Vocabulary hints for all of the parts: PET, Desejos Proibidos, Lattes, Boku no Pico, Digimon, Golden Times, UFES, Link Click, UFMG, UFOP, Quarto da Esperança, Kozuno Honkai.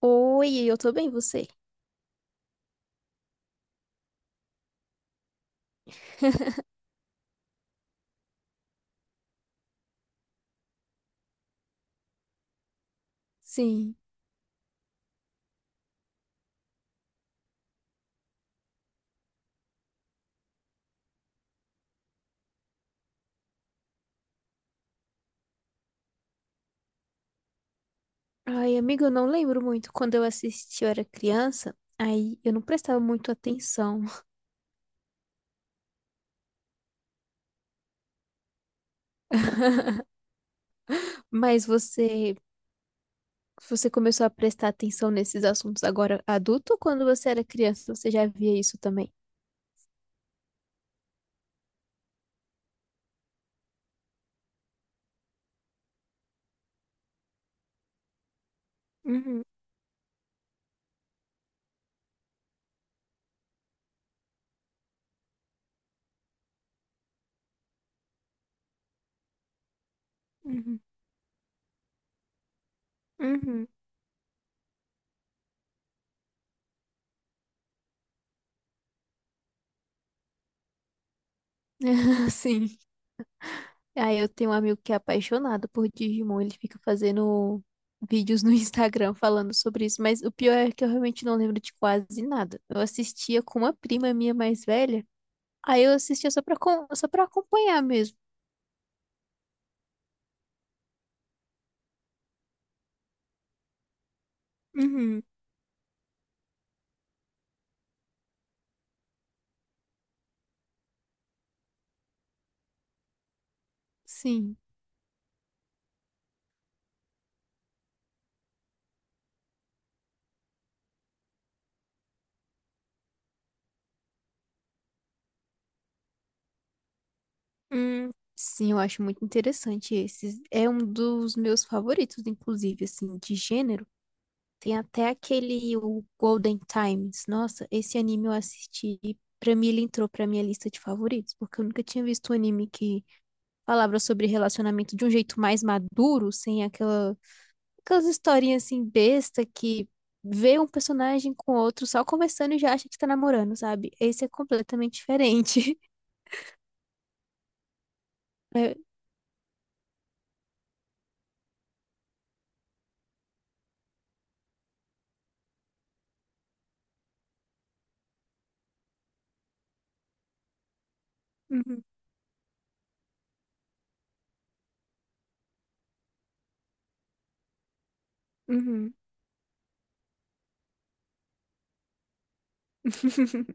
Oi, eu tô bem, você? Sim. Ai, amiga, eu não lembro muito. Quando eu assisti, eu era criança, aí eu não prestava muito atenção. Mas você começou a prestar atenção nesses assuntos agora adulto ou quando você era criança, você já via isso também? Uhum, uhum, uhum. Sim. Aí eu tenho um amigo que é apaixonado por Digimon, ele fica fazendo vídeos no Instagram falando sobre isso, mas o pior é que eu realmente não lembro de quase nada. Eu assistia com uma prima minha mais velha, aí eu assistia só pra acompanhar mesmo. Uhum. Sim. Hum, sim, eu acho muito interessante esses. É um dos meus favoritos, inclusive, assim, de gênero. Tem até aquele o Golden Times. Nossa, esse anime eu assisti e pra mim ele entrou pra minha lista de favoritos, porque eu nunca tinha visto um anime que falava sobre relacionamento de um jeito mais maduro, sem aquela, aquelas historinhas assim besta que vê um personagem com outro só conversando e já acha que tá namorando, sabe? Esse é completamente diferente. É, uhum, uhum.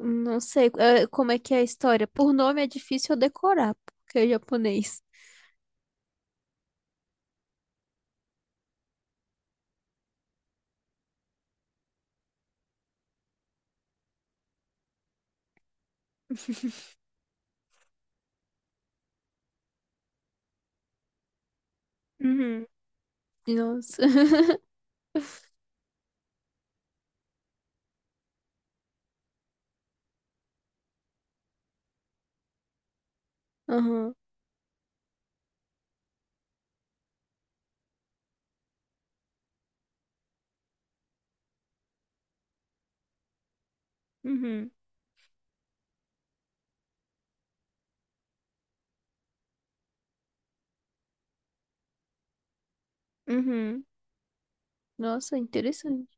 Não sei, como é que é a história. Por nome é difícil eu decorar, porque é japonês. Uhum. Nossa. Aham. Uhum. Uhum. Nossa, interessante.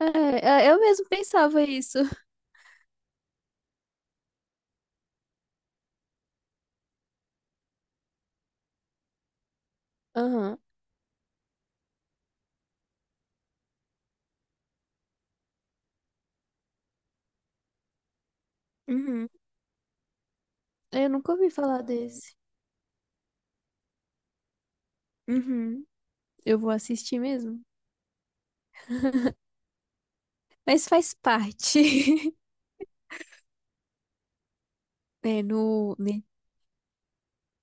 Eu mesmo pensava isso. Aham. Uhum. Eu nunca ouvi falar desse. Uhum. Eu vou assistir mesmo. Mas faz parte. Né,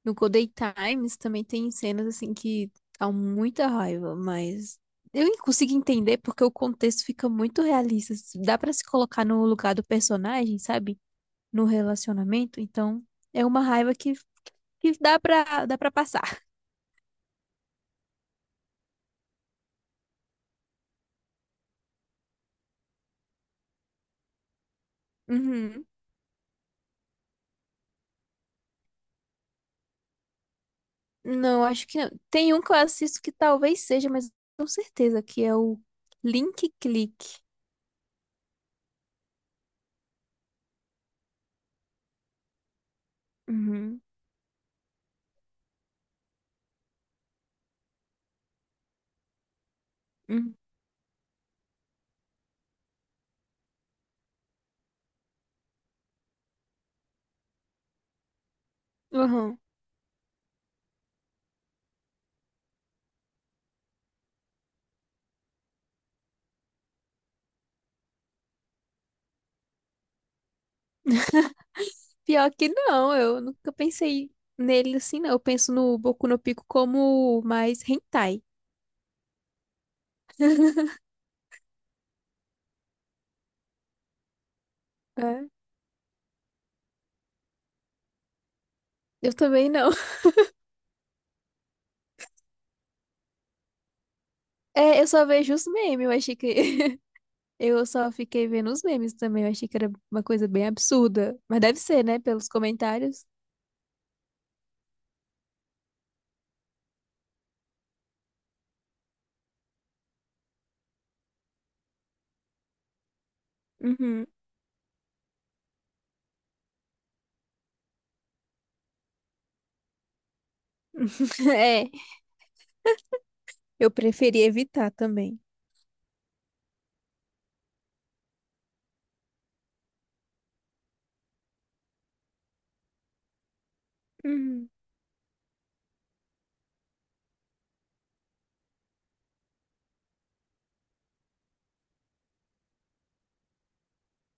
no Golden Times também tem cenas assim que dá muita raiva, mas eu nem consigo entender porque o contexto fica muito realista. Dá pra se colocar no lugar do personagem, sabe? No relacionamento, então é uma raiva que dá pra passar. Uhum. Não, acho que não. Tem um que eu assisto que talvez seja, mas não tenho certeza que é o Link Click. Uhum. Uhum. Uhum. Pior que não, eu nunca pensei nele assim, não. Eu penso no Boku no Pico como mais hentai. É. Eu também não. É, eu só vejo os memes, eu achei que. Eu só fiquei vendo os memes também, eu achei que era uma coisa bem absurda. Mas deve ser, né, pelos comentários. Uhum. É, eu preferi evitar também. Uhum.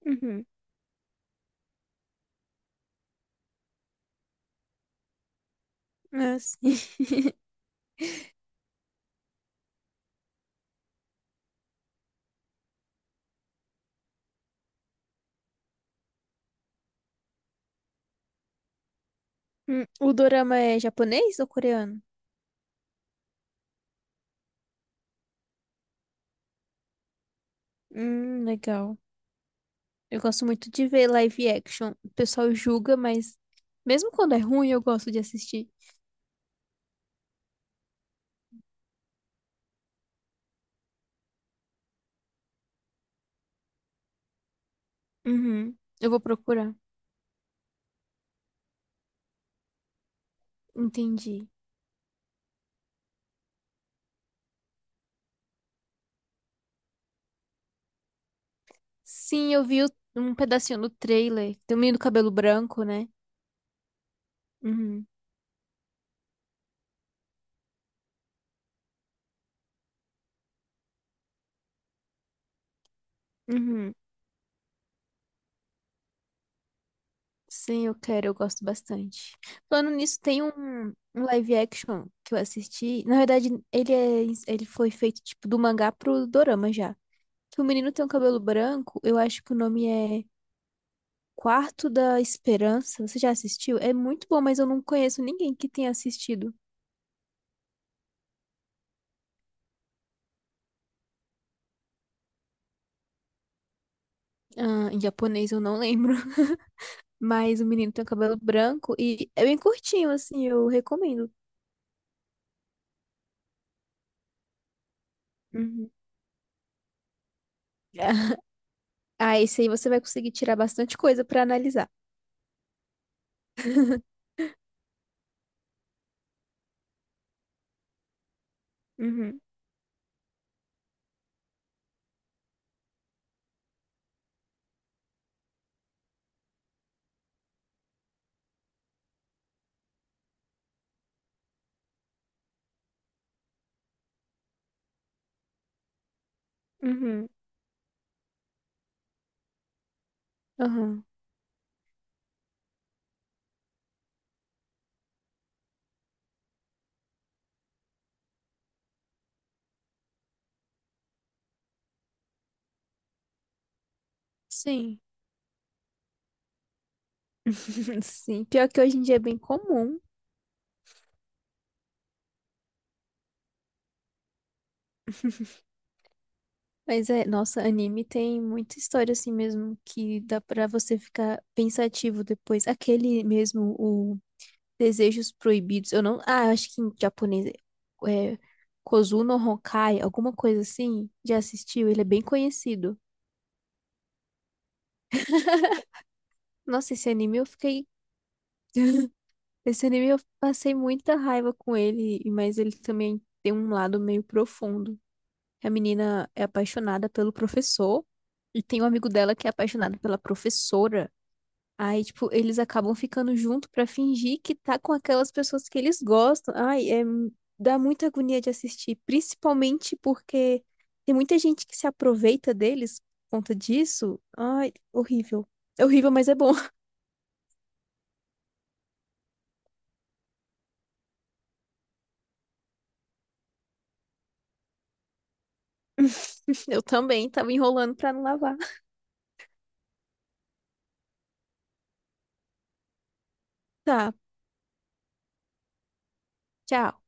Uhum. Ah, sim. O dorama é japonês ou coreano? Legal. Eu gosto muito de ver live action. O pessoal julga, mas mesmo quando é ruim, eu gosto de assistir. Uhum. Eu vou procurar. Entendi. Sim, um pedacinho do trailer. Tem um menino do cabelo branco, né? Uhum. Uhum. Sim, eu quero, eu gosto bastante. Falando nisso, um live action que eu assisti. Na verdade, ele foi feito tipo do mangá pro dorama já. Que o menino tem um cabelo branco, eu acho que o nome é Quarto da Esperança. Você já assistiu? É muito bom, mas eu não conheço ninguém que tenha assistido. Ah, em japonês eu não lembro. Mas o menino tem um cabelo branco e é bem curtinho, assim, eu recomendo. Uhum. Ah, esse aí você vai conseguir tirar bastante coisa pra analisar. Uhum, uhum, uhum. Sim, sim. Pior que hoje em dia é bem comum. Mas é, nossa, anime tem muita história assim mesmo que dá pra você ficar pensativo depois. Aquele mesmo, o Desejos Proibidos. Eu não, ah, acho que em japonês é Kozuno Honkai, alguma coisa assim. Já assistiu? Ele é bem conhecido. Nossa, esse anime eu fiquei esse anime eu passei muita raiva com ele, mas ele também tem um lado meio profundo. A menina é apaixonada pelo professor e tem um amigo dela que é apaixonado pela professora. Aí, tipo, eles acabam ficando junto pra fingir que tá com aquelas pessoas que eles gostam. Dá muita agonia de assistir, principalmente porque tem muita gente que se aproveita deles por conta disso. Ai, horrível. É horrível, mas é bom. Eu também tava enrolando pra não lavar. Tá, tchau.